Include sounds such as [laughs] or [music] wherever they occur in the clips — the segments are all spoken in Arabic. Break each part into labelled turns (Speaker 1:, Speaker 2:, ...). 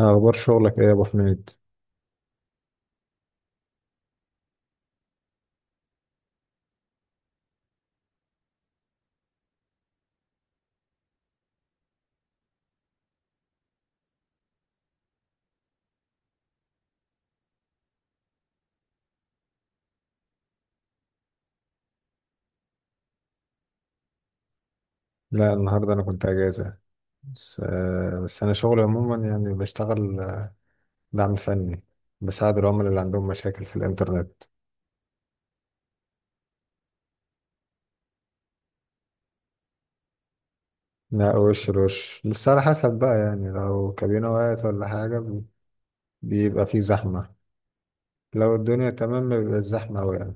Speaker 1: أخبار شغلك إيه يا أبو حميد؟ لا النهاردة أنا كنت أجازة. بس أنا شغلي عموما يعني بشتغل دعم فني. بساعد العملاء اللي عندهم مشاكل في الإنترنت. لا وش لوش، بس على حسب بقى. يعني لو كابينة وقعت ولا حاجة بيبقى في زحمة. لو الدنيا تمام بيبقى الزحمة أوي يعني.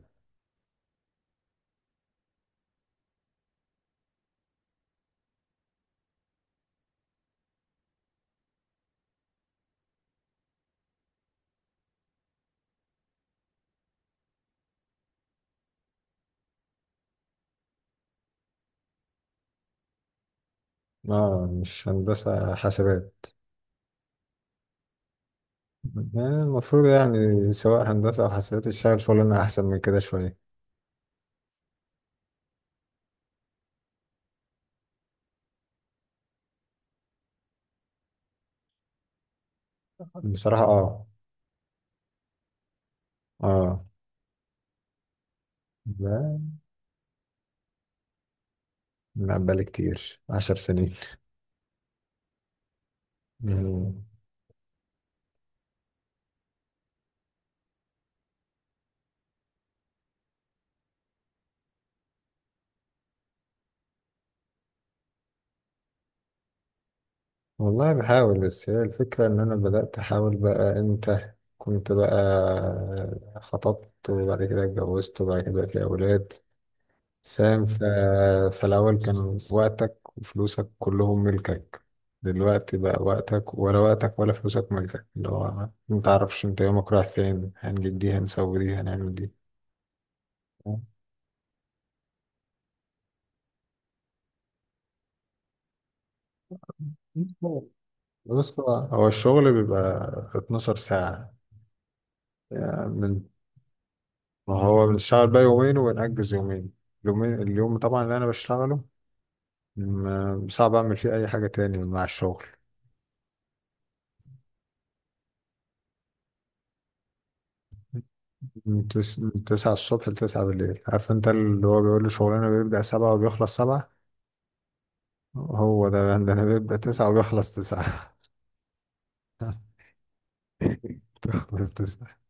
Speaker 1: آه مش هندسة حاسبات. آه، المفروض يعني سواء هندسة أو حاسبات تشتغل شغلنا أحسن من كده شوية. بصراحة آه. آه. لا، ما بقالي كتير، عشر سنين. مم. والله بحاول، بس هي الفكرة إن أنا بدأت أحاول بقى إمتى. كنت بقى خطبت وبعد كده اتجوزت وبعد كده بقى في أولاد. فاهم فالأول كان وقتك وفلوسك كلهم ملكك. دلوقتي بقى وقتك ولا وقتك ولا فلوسك ملكك، اللي هو متعرفش أنت يومك رايح فين، هنجيب دي هنسوي دي هنعمل دي. [laughs] بص، هو الشغل بيبقى 12 ساعة. يعني من، ما هو بنشتغل بقى يومين وبنأجز يومين. اليومين، اليوم طبعا اللي أنا بشتغله صعب أعمل فيه أي حاجة تاني مع الشغل. من تسعة الصبح لتسعة بالليل. عارف أنت، اللي هو بيقول لي شغلنا بيبدأ سبعة وبيخلص سبعة، هو ده عندنا بيبدأ تسعة وبيخلص تسعة. [laughs] بيخلص تسعة.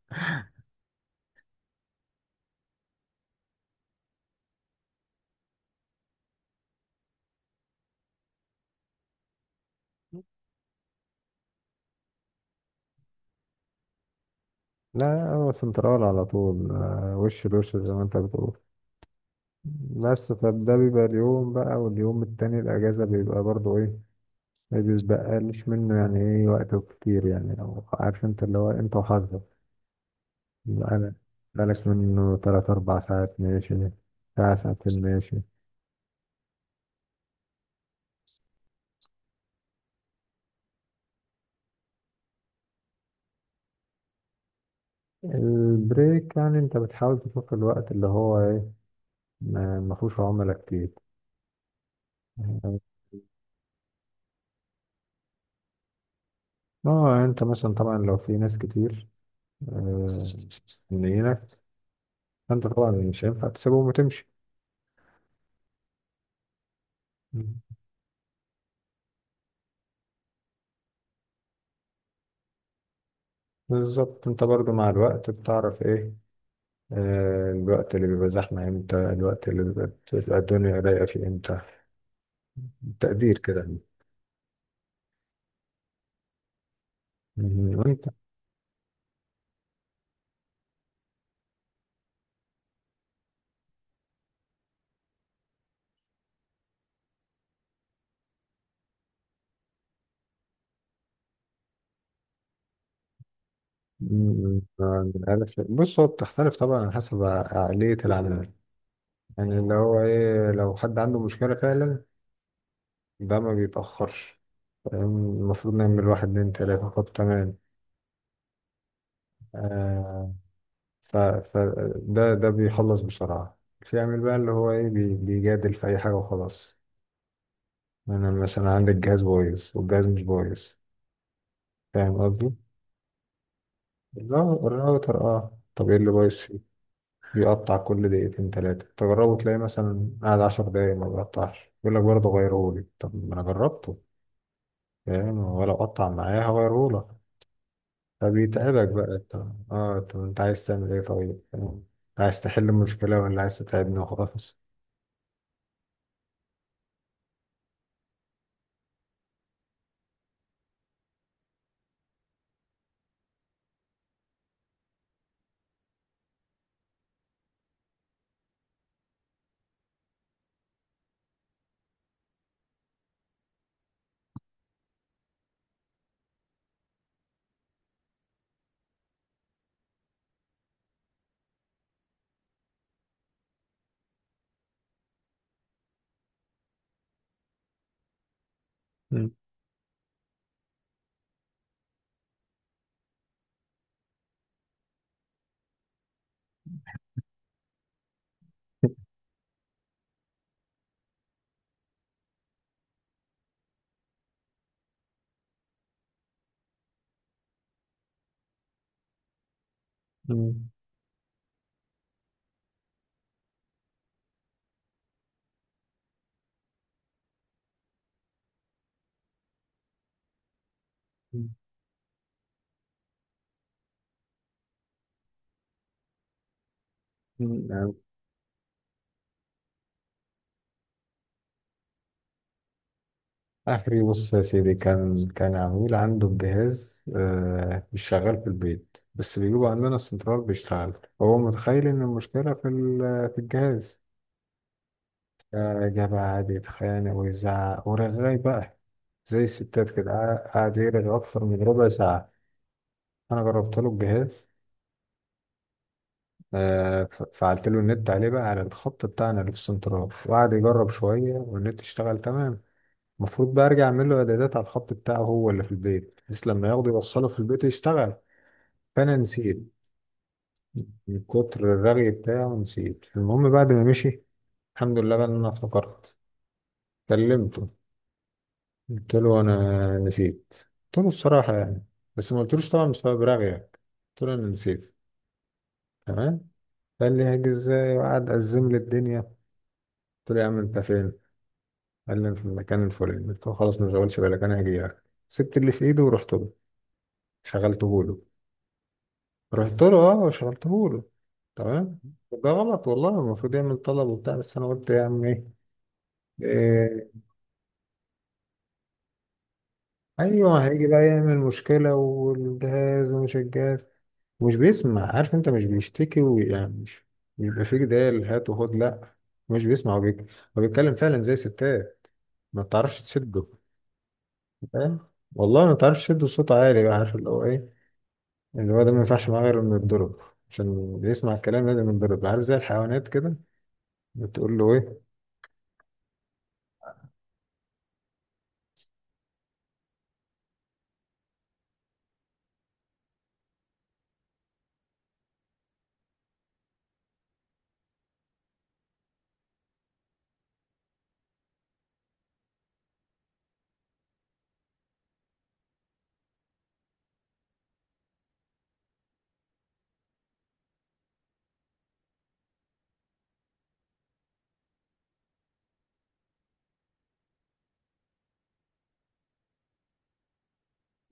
Speaker 1: لا، هو سنترال على طول، وش لوش زي ما أنت بتقول. بس فده بيبقى اليوم بقى واليوم التاني الأجازة بيبقى برضو إيه، ما بيسبقليش منه. يعني ايه وقته كتير، يعني لو عارف انت، اللي هو انت وحظك. انا بقالك منه تلات أربع ساعات ماشي، ساعة ساعتين ماشي. البريك يعني انت بتحاول تشوف الوقت اللي هو ايه، ما فيهوش عملاء كتير. اه، انت مثلا طبعا لو في ناس كتير آه، مستنيينك، فانت طبعا مش هينفع تسيبهم وتمشي. مم. بالظبط. انت برضو مع الوقت بتعرف ايه، الوقت اللي بيبقى زحمة امتى، الوقت اللي بيبقى بتبقى الدنيا رايقة فيه امتى، تقدير كده. مم، وانت. مم، عارف، بص هو بتختلف طبعا على حسب عقلية العميل. يعني اللي هو ايه، لو حد عنده مشكلة فعلا ده ما بيتأخرش. فاهم؟ المفروض نعمل واحد اتنين تلاتة، طب تمام. آه. ف ف ده بيخلص بسرعة. في عامل بقى اللي هو ايه، بيجادل في أي حاجة وخلاص. أنا مثلا عندي الجهاز بايظ والجهاز مش بايظ. فاهم قصدي؟ الراوتر. اه، طب ايه اللي بايظ فيه؟ بيقطع كل دقيقتين تلاتة، تجربه تلاقي مثلا قاعد عشر دقايق ما بيقطعش، يقول لك برضه غيرهولي، طب ما انا جربته، فاهم؟ ولا قطع معايا هغيرهولك. فبيتعبك بقى انت. اه، طب انت عايز تعمل ايه طيب؟ فاهم؟ عايز تحل المشكلة ولا عايز تتعبني وخلاص. [laughs] مم. مم. مم. اخري بص يا سيدي، كان عميل عنده الجهاز آه مش شغال في البيت، بس بيجيبوا عندنا السنترال بيشتغل. هو متخيل ان المشكله في الجهاز. جاب قعد يتخانق ويزعق ورغاي بقى، زي الستات كده، قعد يرغي اكتر من ربع ساعه. انا جربت له الجهاز، فعلت له النت عليه بقى على الخط بتاعنا اللي في السنترال، وقعد يجرب شويه والنت اشتغل تمام. المفروض بقى ارجع اعمل له اعدادات على الخط بتاعه هو اللي في البيت، بحيث لما ياخده يوصله في البيت يشتغل. فانا نسيت من كتر الرغي بتاعه، نسيت. المهم بعد ما مشي، الحمد لله بقى إن انا افتكرت، كلمته. قلت له انا نسيت. قلت له الصراحه يعني، بس ما قلتلوش طبعا بسبب رغيك، قلت له انا نسيت. تمام. قال لي هاجي ازاي، وقعد ازم لي الدنيا. قلت له يا عم انت فين؟ قال لي أنا في المكان الفلاني. قلت له خلاص ما تشغلش بالك، انا هاجي لك. سبت اللي في ايده ورحت له، شغلته له. رحت له اه وشرحته له. تمام. ده غلط والله، المفروض يعمل طلب وبتاع، بس انا قلت يا عم ايه. إيه، ايوه، هيجي بقى يعمل مشكله والجهاز ومش الجهاز، ومش بيسمع، عارف انت، مش بيشتكي ويعني مش بيبقى فيه جدال هات وخد، لا، مش بيسمع. هو بيتكلم فعلا زي ستات، ما تعرفش تسده. فاهم؟ والله ما تعرفش تسده. صوت عالي بقى، عارف اللي هو ايه، اللي هو ده ما ينفعش معاه غير انه يتضرب. عشان يسمع الكلام لازم يتضرب، عارف زي الحيوانات كده، بتقول له ايه.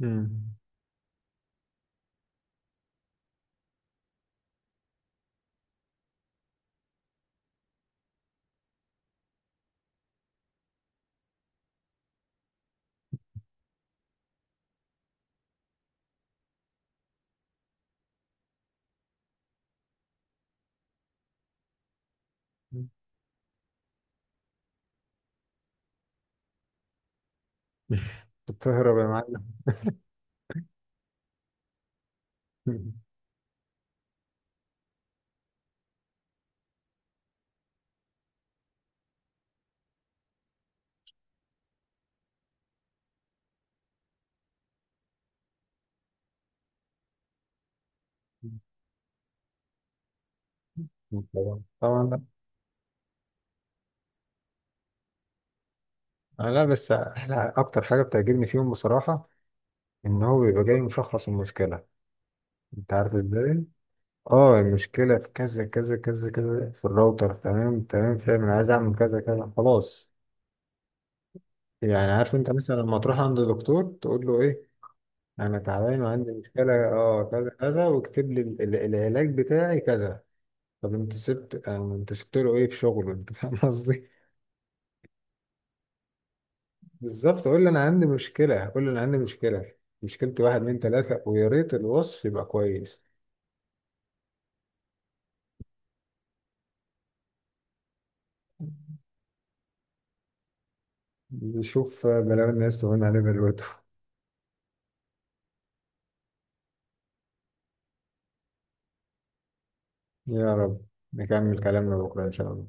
Speaker 1: مم. بتهرب يا معلم. [laughs] طبعا. طبعا. لا. آه، لا بس احلى اكتر حاجه بتعجبني فيهم بصراحه، ان هو بيبقى جاي مشخص المشكله. انت عارف ازاي؟ اه، المشكله في كذا كذا كذا كذا في الراوتر، تمام تمام فاهم، انا عايز اعمل كذا كذا، خلاص. يعني عارف انت مثلا لما تروح عند دكتور تقول له ايه، انا تعبان وعندي مشكله اه كذا كذا، واكتب لي العلاج بتاعي كذا. طب انت سبت آه، انت سبت له ايه في شغله؟ انت فاهم قصدي؟ بالظبط، اقول له انا عندي مشكله، هقول له انا عندي مشكله، مشكلتي واحد اتنين تلاته، ويا ريت الوصف يبقى كويس. نشوف بلاوي الناس تهون عليه دلوقتي. يا رب نكمل كلامنا بكره ان شاء الله.